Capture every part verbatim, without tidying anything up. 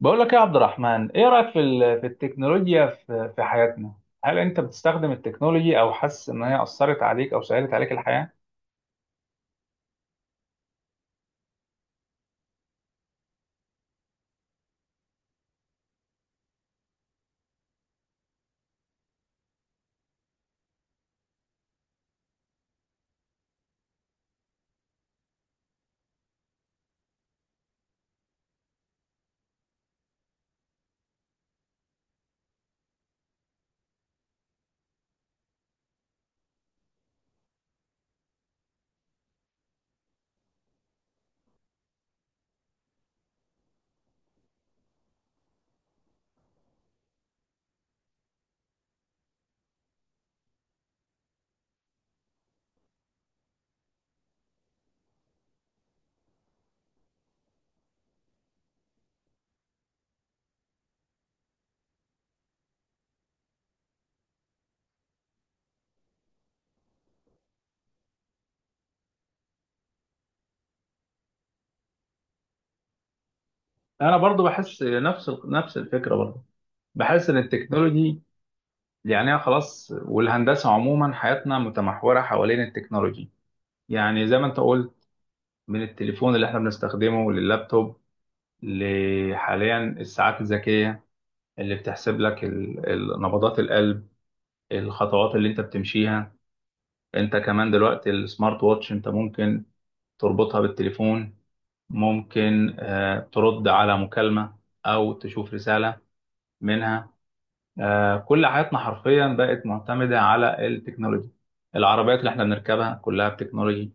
بقول لك يا عبد الرحمن، ايه رايك في ال- في التكنولوجيا في في حياتنا؟ هل انت بتستخدم التكنولوجي، او حاسس ان هي اثرت عليك او سهلت عليك الحياه؟ انا برضو بحس نفس ال- نفس الفكره، برضو بحس ان التكنولوجي، يعني هي خلاص، والهندسه عموما، حياتنا متمحوره حوالين التكنولوجي. يعني زي ما انت قلت، من التليفون اللي احنا بنستخدمه لللابتوب، لحاليا الساعات الذكيه اللي بتحسب لك ال- ال- نبضات القلب، الخطوات اللي انت بتمشيها. انت كمان دلوقتي السمارت واتش انت ممكن تربطها بالتليفون، ممكن آه، ترد على مكالمة او تشوف رسالة منها. آه، كل حياتنا حرفيا بقت معتمدة على التكنولوجي. العربيات اللي احنا بنركبها كلها بتكنولوجي،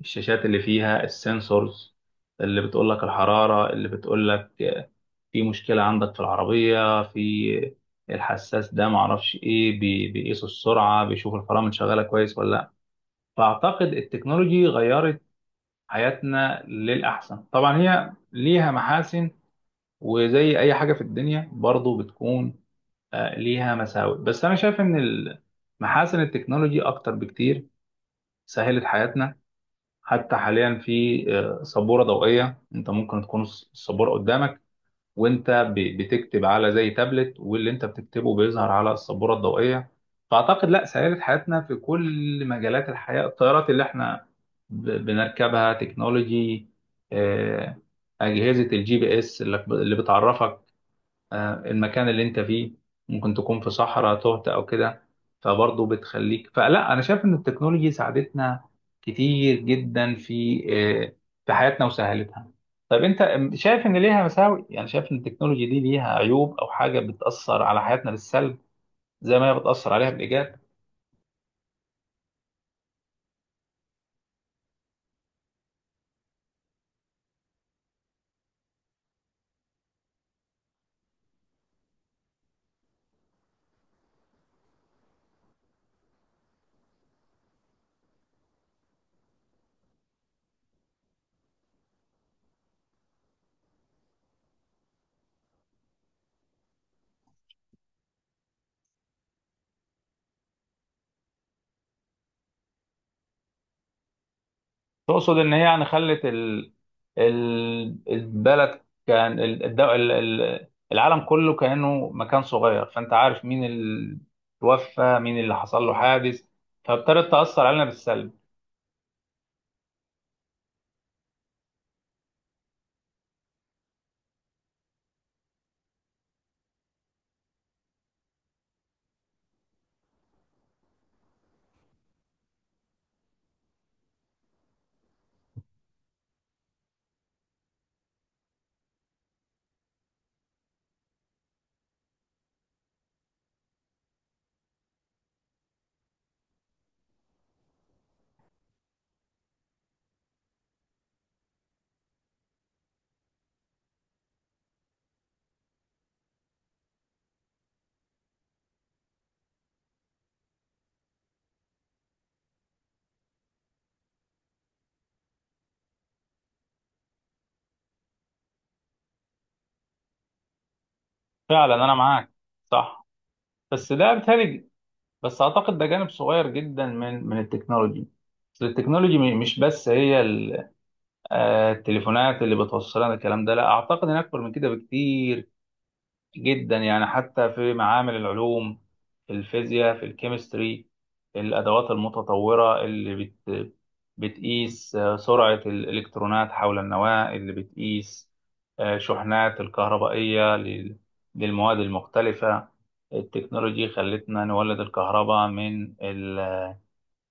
الشاشات اللي فيها السنسورز اللي بتقول لك الحرارة، اللي بتقول لك آه، في مشكلة عندك في العربية، في الحساس ده معرفش ايه، بي- بيقيس السرعة، بيشوف الفرامل شغالة كويس ولا. فأعتقد التكنولوجي غيرت حياتنا للأحسن. طبعا هي ليها محاسن، وزي أي حاجة في الدنيا برضو بتكون آه، ليها مساوئ، بس أنا شايف إن ال- محاسن التكنولوجي أكتر بكتير، سهلت حياتنا. حتى حاليا في آه، سبورة ضوئية، أنت ممكن تكون السبورة قدامك وانت ب- بتكتب على زي تابلت، واللي انت بتكتبه بيظهر على السبوره الضوئيه. فاعتقد لا، سهلت حياتنا في كل مجالات الحياه. الطيارات اللي احنا ب- بنركبها تكنولوجي، آه، اجهزه الجي بي اس اللي اللي بتعرفك آه، المكان اللي انت فيه، ممكن تكون في صحراء تهت او كده فبرضه بتخليك. فلا، انا شايف ان التكنولوجي ساعدتنا كتير جدا في آه، في حياتنا وسهلتها. طيب انت شايف ان ليها مساوئ؟ يعني شايف ان التكنولوجي دي ليها عيوب او حاجة بتأثر على حياتنا بالسلب، زي ما هي بتأثر عليها بالإيجاب؟ تقصد ان هي يعني خلت ال... ال... البلد، كان ال... الد- ال... ال- العالم كله كانه مكان صغير، فانت عارف مين اللي توفى، مين اللي حصل له حادث، فابتدت تاثر علينا بالسلب. فعلا انا معاك، صح، بس ده بيتهيألي، بس اعتقد ده جانب صغير جدا من من التكنولوجي. بس التكنولوجي م- مش بس هي ال- آه، التليفونات اللي بتوصل لنا الكلام ده، لا، اعتقد ان اكبر من كده بكتير جدا. يعني حتى في معامل العلوم، في الفيزياء، في الكيمستري، الأدوات المتطورة اللي بت بتقيس آه، سرعة الإلكترونات حول النواة، اللي بتقيس آه، شحنات الكهربائية لل- للمواد المختلفة. التكنولوجي خلتنا نولد الكهرباء من ال...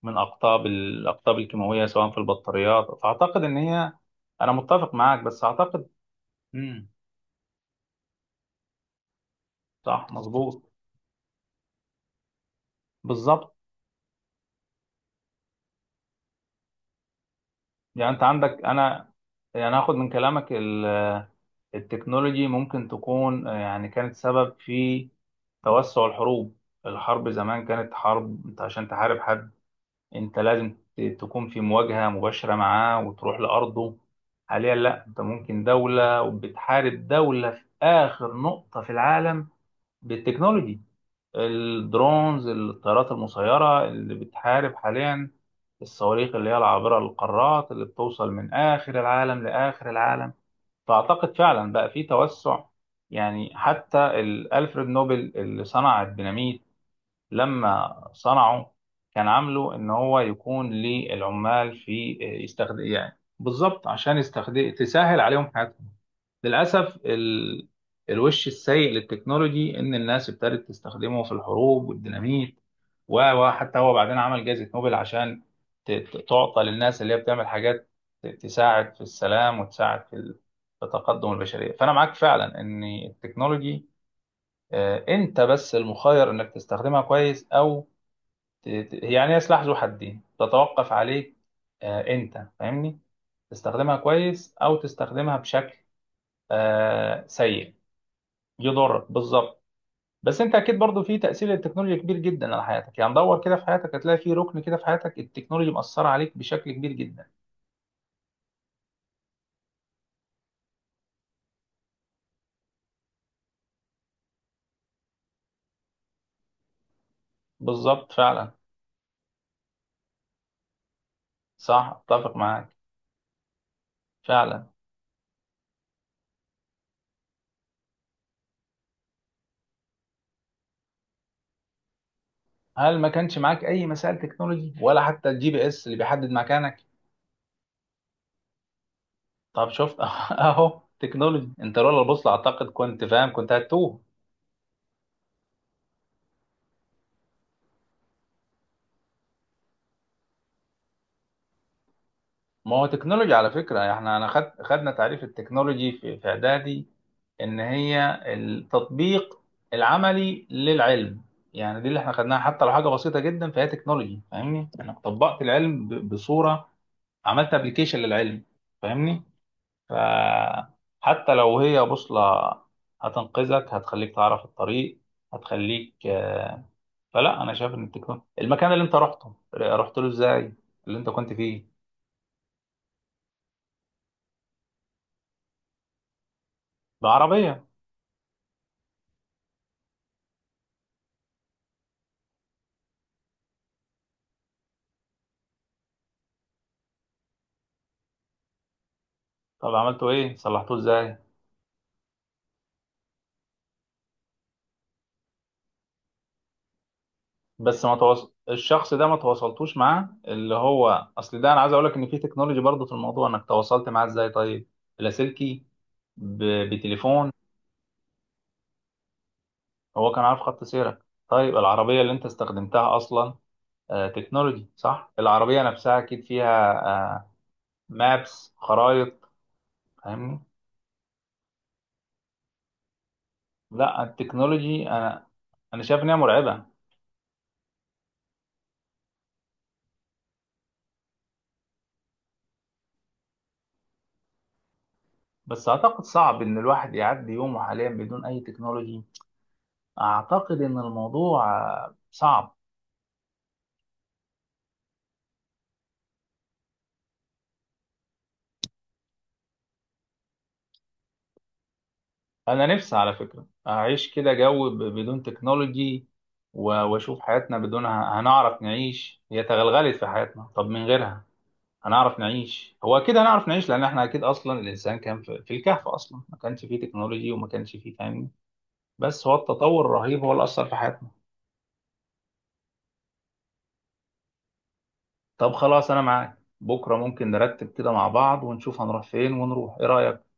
من أقطاب ال- الأقطاب الكيماوية سواء في البطاريات، فأعتقد إن هي. أنا متفق معاك بس أعتقد. مم. صح، مظبوط. بالظبط. يعني انت عندك، انا يعني هاخد من كلامك، ال- التكنولوجي ممكن تكون آه، يعني كانت سبب في توسع الحروب. الحرب زمان كانت حرب، انت عشان تحارب حد انت لازم ت- تكون في مواجهة مباشرة معاه وتروح لأرضه. حاليا لا، انت ممكن دولة وبتحارب دولة في آخر نقطة في العالم بالتكنولوجي، الدرونز، الطيارات المسيرة اللي بتحارب حاليا، الصواريخ اللي هي العابرة للقارات اللي بتوصل من آخر العالم لآخر العالم. فأعتقد فعلا بقى في توسع. يعني حتى ال- ألفريد نوبل اللي صنع الديناميت، لما صنعه كان عامله إن هو يكون للعمال، في يستخدم، يعني بالظبط، عشان يستخدم تسهل عليهم حياتهم. للأسف ال... الوش السيء للتكنولوجي إن الناس ابتدت تستخدمه في الحروب والديناميت. و- وحتى هو بعدين عمل جائزة نوبل عشان ت- ت- تعطى للناس اللي هي بتعمل حاجات ت- تساعد في السلام، وتساعد في ال- في تقدم البشرية. فأنا معاك فعلا إن التكنولوجي، آه، أنت بس المخير إنك تستخدمها كويس أو ت- ت- يعني هي سلاح ذو حدين، تتوقف عليك. آه، أنت فاهمني، تستخدمها كويس أو تستخدمها بشكل آه، سيء يضرك، بالظبط. بس انت اكيد برضو في تاثير التكنولوجيا كبير جدا على حياتك، يعني دور كده في حياتك هتلاقي في ركن كده في حياتك التكنولوجيا مأثره عليك بشكل كبير جدا. بالظبط، فعلا. صح، اتفق معاك، فعلا. هل ما كانش معاك اي مسائل تكنولوجي، ولا حتى الجي بي اس اللي بيحدد مكانك؟ طب شفت اهو تكنولوجي، انت لولا البوصله اعتقد كنت فاهم، كنت هتوه. ما هو تكنولوجي على فكره، احنا انا خد خدنا تعريف التكنولوجي في في اعدادي، ان هي التطبيق العملي للعلم. يعني دي اللي احنا خدناها، حتى لو حاجه بسيطه جدا فهي تكنولوجي، فاهمني، انا طبقت العلم ب- بصوره، عملت ابلكيشن للعلم، فاهمني. فحتى لو هي بوصله، هتنقذك، هتخليك تعرف الطريق، هتخليك آه، فلا انا شايف ان التكنولوجيا. المكان اللي انت رحته، رحت له ازاي، اللي انت كنت فيه؟ بعربيه؟ طب عملته ايه، صلحته ازاي؟ بس ما تواصل الشخص ده، ما تواصلتوش معاه اللي هو، اصل ده انا عايز اقول لك ان في تكنولوجي برضه في الموضوع، انك تواصلت معاه ازاي، طيب. اللاسلكي؟ ب... بتليفون؟ هو كان عارف خط سيرك. طيب العربيه اللي انت استخدمتها اصلا آه تكنولوجي صح، العربيه نفسها اكيد فيها آه مابس خرائط، فاهمني. لا التكنولوجي، انا انا شايف ان هي مرعبه. بس اعتقد صعب ان الواحد يعدي يومه حاليا بدون اي تكنولوجي، اعتقد ان الموضوع آه، صعب. انا نفسي على فكره اعيش كده جو ب- بدون تكنولوجي، و- واشوف حياتنا بدونها، هنعرف نعيش؟ هي تغلغلت في حياتنا، طب من غيرها هنعرف نعيش؟ هو اكيد هنعرف نعيش، لان احنا اكيد اصلا الانسان كان في في الكهف اصلا، ما كانش فيه تكنولوجي، وما كانش فيه، فاهمني. بس هو التطور الرهيب هو اللي اثر في حياتنا. طب خلاص، انا معاك، بكره ممكن نرتب كده مع بعض، ونشوف هنروح فين، ونروح، ايه رايك؟